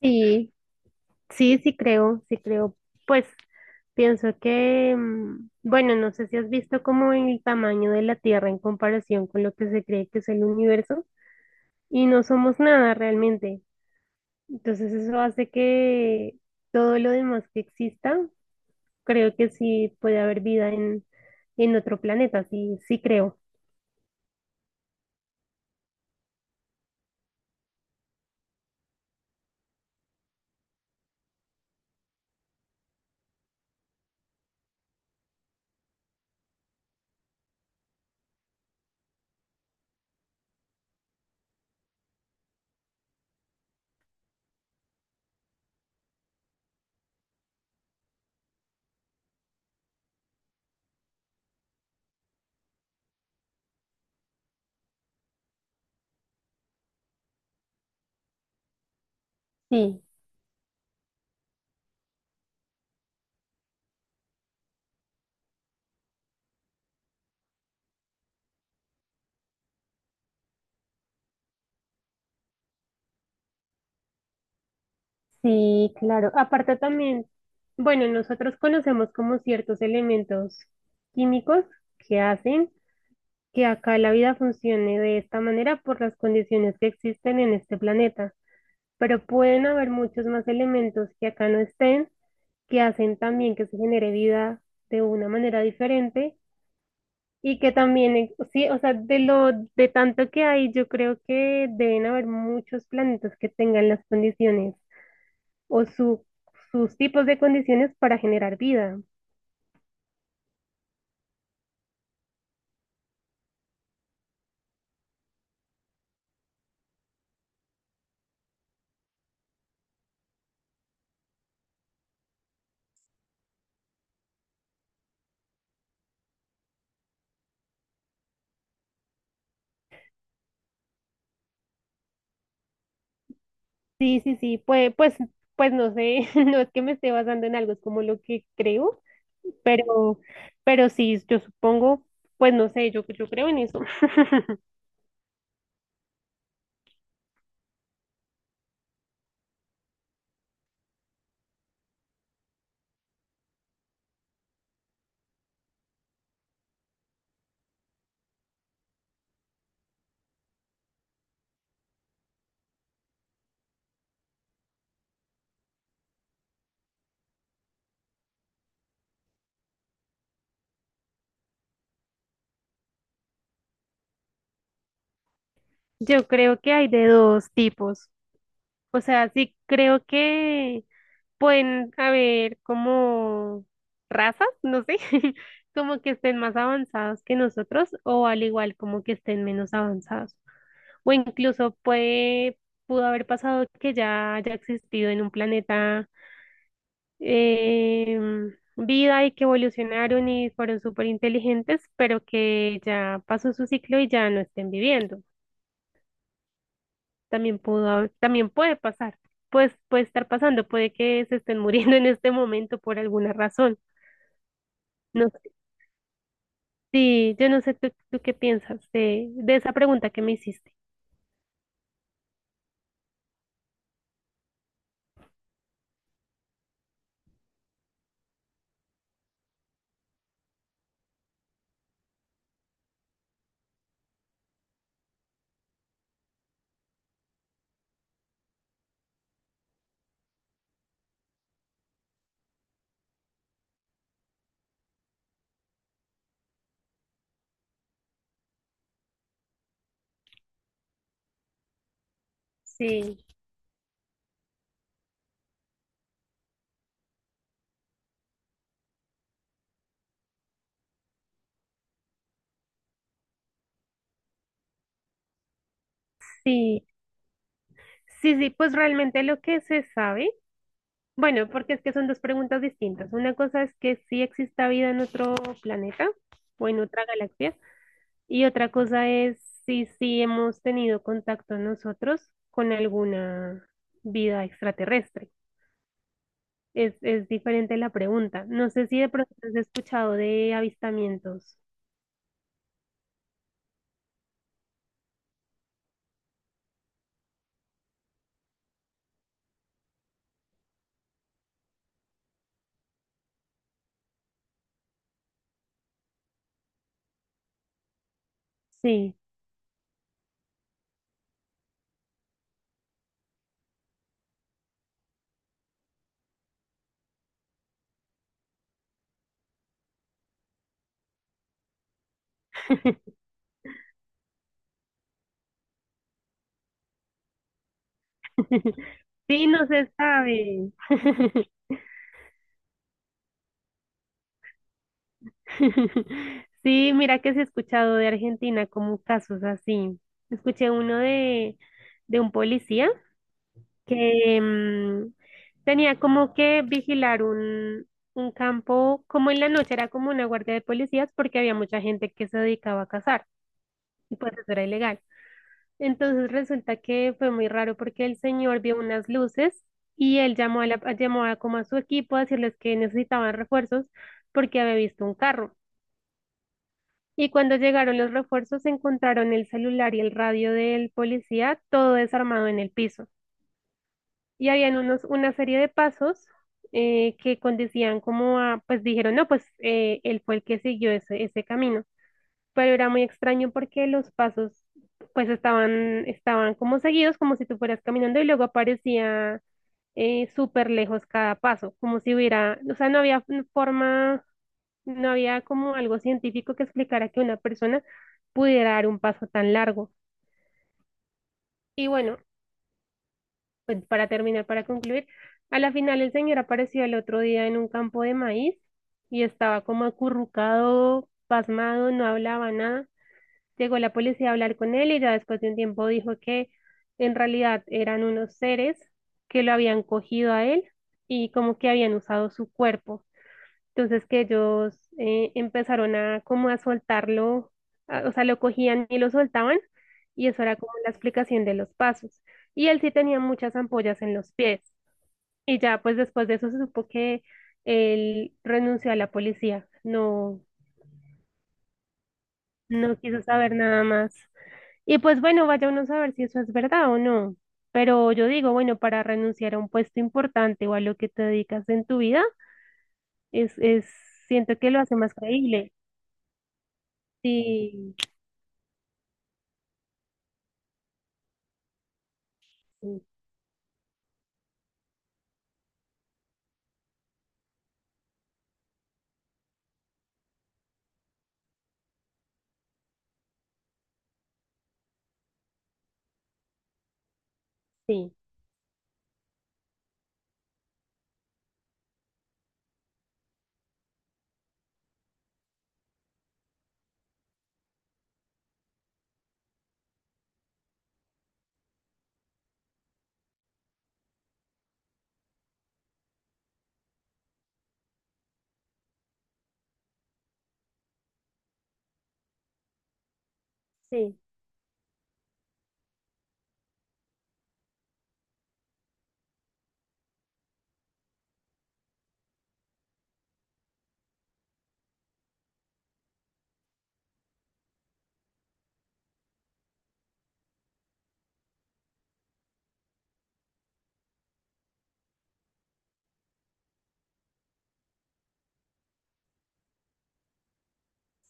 Sí, sí, sí creo, sí creo. Pues pienso que, bueno, no sé si has visto como en el tamaño de la Tierra en comparación con lo que se cree que es el universo y no somos nada realmente. Entonces eso hace que todo lo demás que exista, creo que sí puede haber vida en otro planeta, sí, sí creo. Sí, sí, claro. Aparte también, bueno, nosotros conocemos como ciertos elementos químicos que hacen que acá la vida funcione de esta manera por las condiciones que existen en este planeta, pero pueden haber muchos más elementos que acá no estén, que hacen también que se genere vida de una manera diferente y que también, sí, o sea, de lo de tanto que hay, yo creo que deben haber muchos planetas que tengan las condiciones o sus tipos de condiciones para generar vida. Sí, sí, sí, pues no sé, no es que me esté basando en algo, es como lo que creo. Pero, pero sí, yo supongo, pues no sé, yo creo en eso. Yo creo que hay de dos tipos. O sea, sí creo que pueden haber como razas, no sé, como que estén más avanzados que nosotros o al igual como que estén menos avanzados. O incluso puede, pudo haber pasado que ya haya existido en un planeta vida y que evolucionaron y fueron súper inteligentes, pero que ya pasó su ciclo y ya no estén viviendo. También también puede pasar, pues puede estar pasando, puede que se estén muriendo en este momento por alguna razón. No sé. Sí, yo no sé, tú qué piensas de esa pregunta que me hiciste. Sí, sí, sí, sí, pues realmente lo que se sabe. Bueno, porque es que son dos preguntas distintas. Una cosa es que sí exista vida en otro planeta o en otra galaxia, y otra cosa es si sí hemos tenido contacto nosotros con alguna vida extraterrestre. Es diferente la pregunta. No sé si de pronto has escuchado de avistamientos. Sí, sí, no se sabe. Sí, mira que se ha escuchado de Argentina como casos así. Escuché uno de un policía que tenía como que vigilar un campo, como en la noche era como una guardia de policías porque había mucha gente que se dedicaba a cazar y pues eso era ilegal. Entonces resulta que fue muy raro porque el señor vio unas luces y él llamó a como a su equipo a decirles que necesitaban refuerzos porque había visto un carro. Y cuando llegaron los refuerzos, encontraron el celular y el radio del policía, todo desarmado en el piso. Y habían unos, una serie de pasos que conducían como a, pues dijeron, no, pues él fue el que siguió ese camino. Pero era muy extraño porque los pasos, pues estaban, estaban como seguidos, como si tú fueras caminando y luego aparecía súper lejos cada paso, como si hubiera, o sea, no había forma, no había como algo científico que explicara que una persona pudiera dar un paso tan largo. Y bueno, pues para terminar, para concluir, a la final el señor apareció el otro día en un campo de maíz y estaba como acurrucado, pasmado, no hablaba nada. Llegó la policía a hablar con él y ya después de un tiempo dijo que en realidad eran unos seres que lo habían cogido a él y como que habían usado su cuerpo. Entonces que ellos empezaron a como a soltarlo, o sea, lo cogían y lo soltaban y eso era como la explicación de los pasos. Y él sí tenía muchas ampollas en los pies y ya pues después de eso se supo que él renunció a la policía, no, no quiso saber nada más. Y pues bueno, vaya uno a saber si eso es verdad o no. Pero yo digo, bueno, para renunciar a un puesto importante o a lo que te dedicas en tu vida, es, siento que lo hace más creíble. Sí. Sí, sí,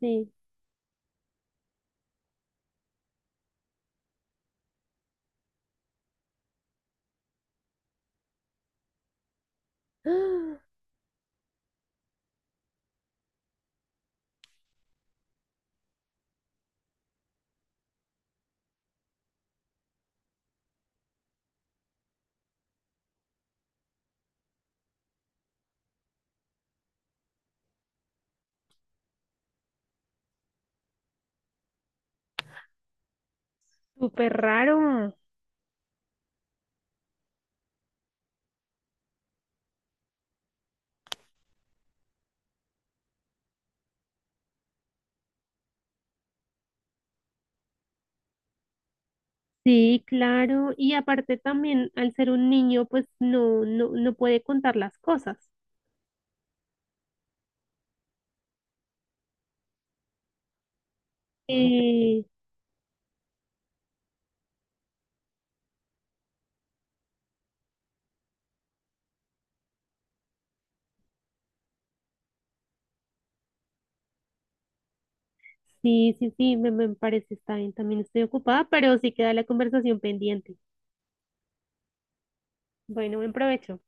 sí. ¡Ah! Súper raro. Sí, claro. Y aparte también, al ser un niño, pues no, no, no puede contar las cosas. Eh, sí, sí, sí, me parece está bien. También estoy ocupada, pero sí queda la conversación pendiente. Bueno, buen provecho.